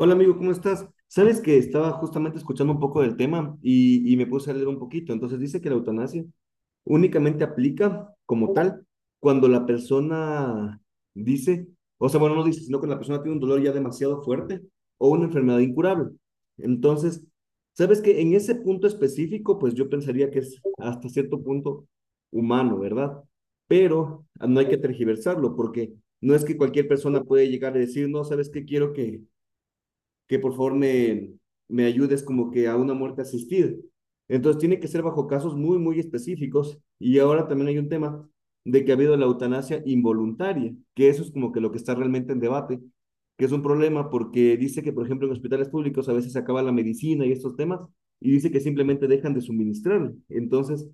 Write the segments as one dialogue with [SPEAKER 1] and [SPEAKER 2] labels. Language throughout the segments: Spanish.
[SPEAKER 1] Hola amigo, ¿cómo estás? Sabes que estaba justamente escuchando un poco del tema y me puse a leer un poquito. Entonces dice que la eutanasia únicamente aplica como tal cuando la persona dice, o sea, bueno, no dice, sino cuando la persona tiene un dolor ya demasiado fuerte o una enfermedad incurable. Entonces, sabes que en ese punto específico, pues yo pensaría que es hasta cierto punto humano, ¿verdad? Pero no hay que tergiversarlo porque no es que cualquier persona puede llegar a decir, no, ¿sabes qué? Quiero que por favor me ayudes como que a una muerte asistida. Entonces tiene que ser bajo casos muy, muy específicos. Y ahora también hay un tema de que ha habido la eutanasia involuntaria, que eso es como que lo que está realmente en debate, que es un problema porque dice que, por ejemplo, en hospitales públicos a veces se acaba la medicina y estos temas, y dice que simplemente dejan de suministrar. Entonces,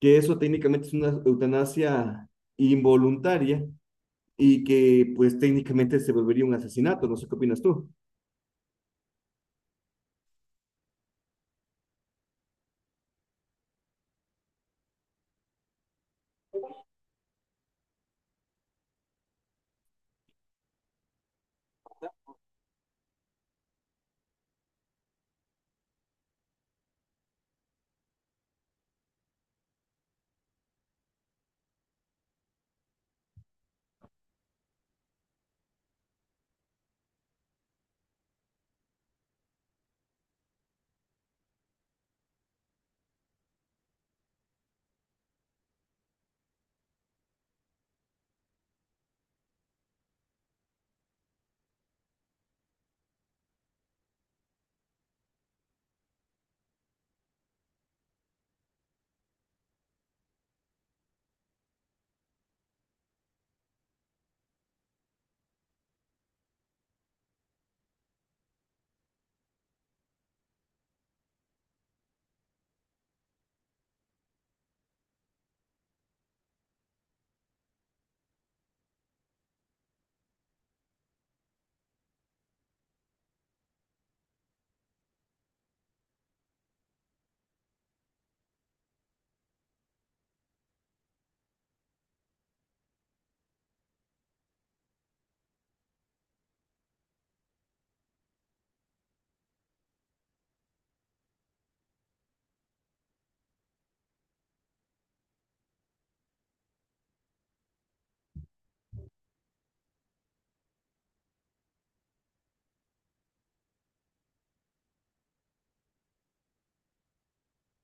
[SPEAKER 1] que eso técnicamente es una eutanasia involuntaria y que pues técnicamente se volvería un asesinato. No sé qué opinas tú.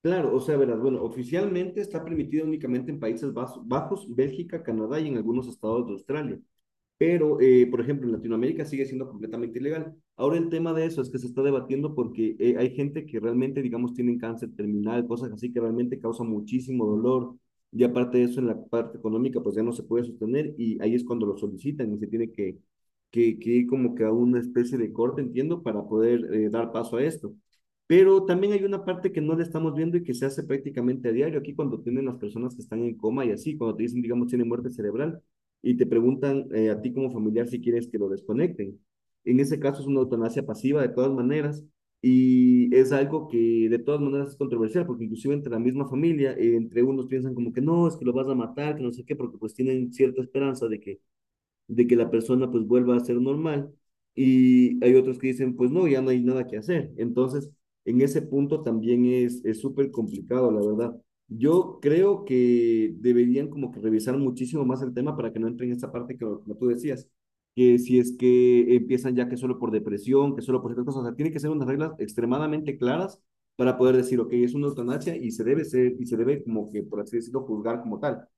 [SPEAKER 1] Claro, o sea, verás, bueno, oficialmente está permitido únicamente en Bajos, Bélgica, Canadá y en algunos estados de Australia. Pero, por ejemplo, en Latinoamérica sigue siendo completamente ilegal. Ahora el tema de eso es que se está debatiendo porque hay gente que realmente, digamos, tienen cáncer terminal, cosas así que realmente causan muchísimo dolor. Y aparte de eso, en la parte económica, pues ya no se puede sostener y ahí es cuando lo solicitan y se tiene que ir como que a una especie de corte, entiendo, para poder dar paso a esto. Pero también hay una parte que no le estamos viendo y que se hace prácticamente a diario. Aquí cuando tienen las personas que están en coma y así, cuando te dicen, digamos, tienen muerte cerebral y te preguntan a ti como familiar si quieres que lo desconecten. En ese caso es una eutanasia pasiva de todas maneras y es algo que de todas maneras es controversial porque inclusive entre la misma familia, entre unos piensan como que no, es que lo vas a matar, que no sé qué, porque pues tienen cierta esperanza de que la persona pues vuelva a ser normal. Y hay otros que dicen, pues no, ya no hay nada que hacer. Entonces, en ese punto también es súper complicado, la verdad. Yo creo que deberían como que revisar muchísimo más el tema para que no entren en esa parte que como tú decías, que si es que empiezan ya que solo por depresión, que solo por ciertas cosas, o sea, tiene que ser unas reglas extremadamente claras para poder decir, ok, es una eutanasia y se debe ser, y se debe como que, por así decirlo, juzgar como tal.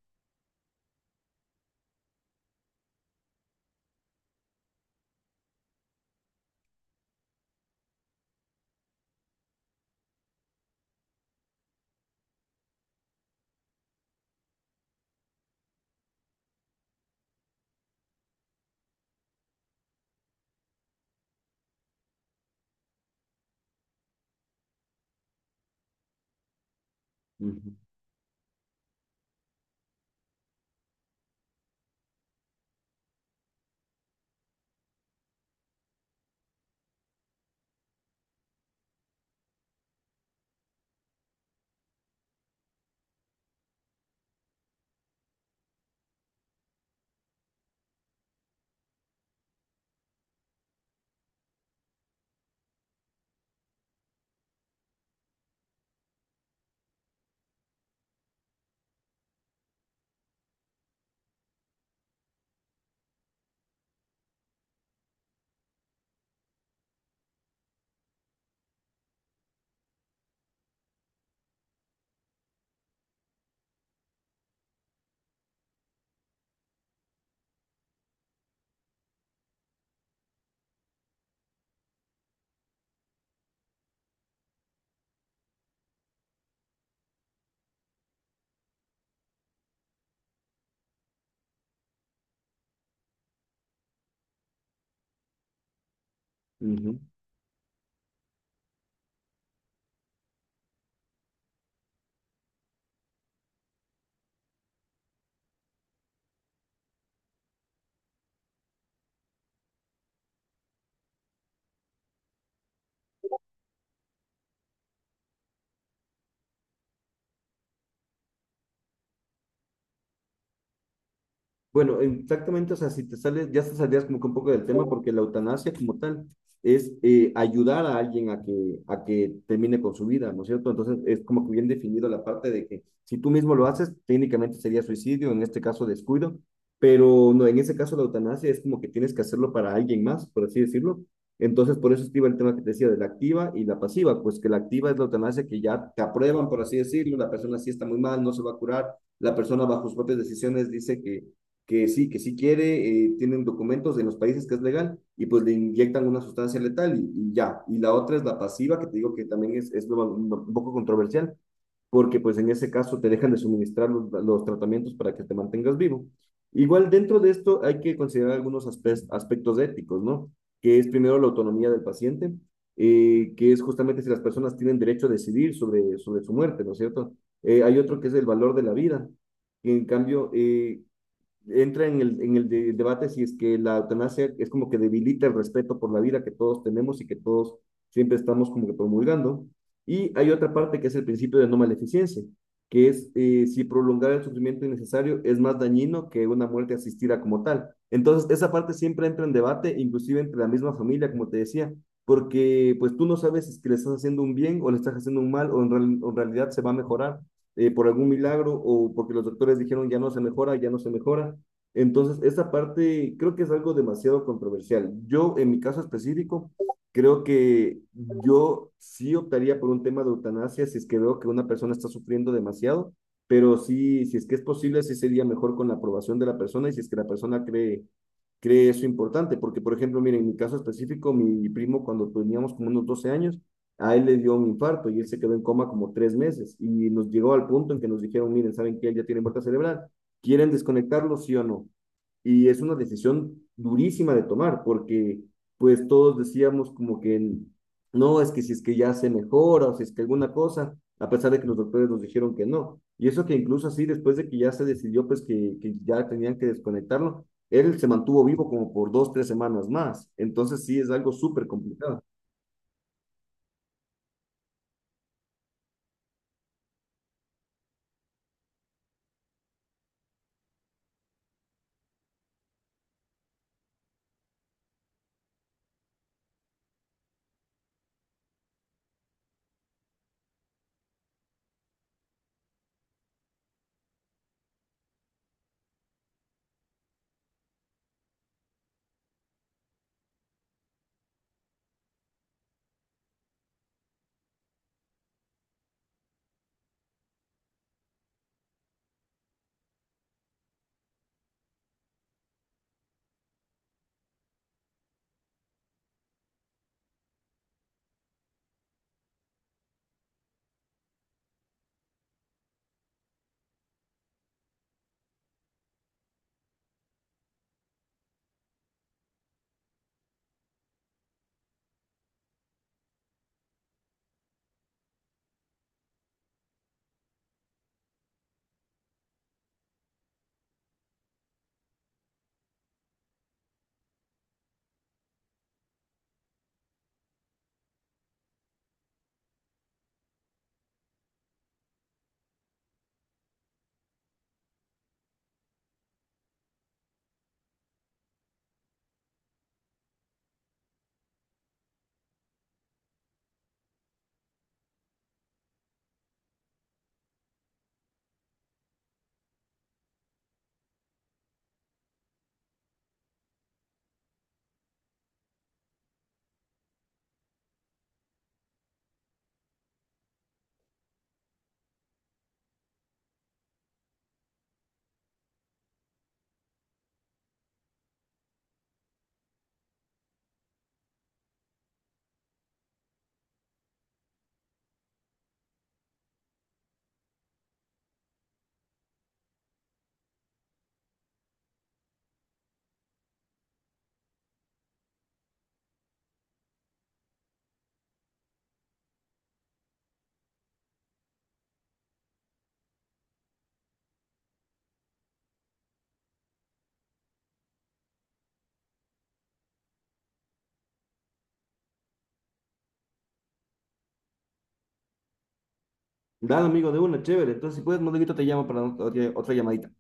[SPEAKER 1] Ujú, ujú. Bueno, exactamente, o sea, si te sales, ya te saldrías como que un poco del tema, porque la eutanasia como tal es ayudar a alguien a que termine con su vida, ¿no es cierto? Entonces es como que bien definido la parte de que si tú mismo lo haces, técnicamente sería suicidio, en este caso descuido, pero no, en ese caso la eutanasia es como que tienes que hacerlo para alguien más, por así decirlo. Entonces por eso iba el tema que te decía de la activa y la pasiva, pues que la activa es la eutanasia que ya te aprueban, por así decirlo, la persona sí está muy mal, no se va a curar, la persona bajo sus propias decisiones dice que sí quiere, tienen documentos en los países que es legal y pues le inyectan una sustancia letal y ya. Y la otra es la pasiva, que te digo que también es un poco controversial, porque pues en ese caso te dejan de suministrar los tratamientos para que te mantengas vivo. Igual dentro de esto hay que considerar aspectos éticos, ¿no? Que es primero la autonomía del paciente, que es justamente si las personas tienen derecho a decidir sobre su muerte, ¿no es cierto? Hay otro que es el valor de la vida, que en cambio entra en debate si es que la eutanasia es como que debilita el respeto por la vida que todos tenemos y que todos siempre estamos como que promulgando. Y hay otra parte que es el principio de no maleficencia, que es si prolongar el sufrimiento innecesario es más dañino que una muerte asistida como tal. Entonces, esa parte siempre entra en debate, inclusive entre la misma familia, como te decía, porque pues tú no sabes si es que le estás haciendo un bien o le estás haciendo un mal o en realidad se va a mejorar por algún milagro o porque los doctores dijeron ya no se mejora, ya no se mejora. Entonces, esa parte creo que es algo demasiado controversial. Yo, en mi caso específico, creo que yo sí optaría por un tema de eutanasia si es que veo que una persona está sufriendo demasiado, pero sí, si es que es posible, sí sería mejor con la aprobación de la persona y si es que la persona cree eso importante. Porque, por ejemplo, miren, en mi caso específico, mi primo cuando teníamos como unos 12 años, a él le dio un infarto y él se quedó en coma como 3 meses y nos llegó al punto en que nos dijeron, miren, saben que él ya tiene muerte cerebral, ¿quieren desconectarlo, sí o no? Y es una decisión durísima de tomar porque pues todos decíamos como que no, es que si es que ya se mejora o si es que alguna cosa, a pesar de que los doctores nos dijeron que no. Y eso que incluso así, después de que ya se decidió pues que ya tenían que desconectarlo, él se mantuvo vivo como por 2, 3 semanas más. Entonces sí es algo súper complicado. Dale, amigo, de una, chévere. Entonces, si puedes, luego te llamo para otra llamadita.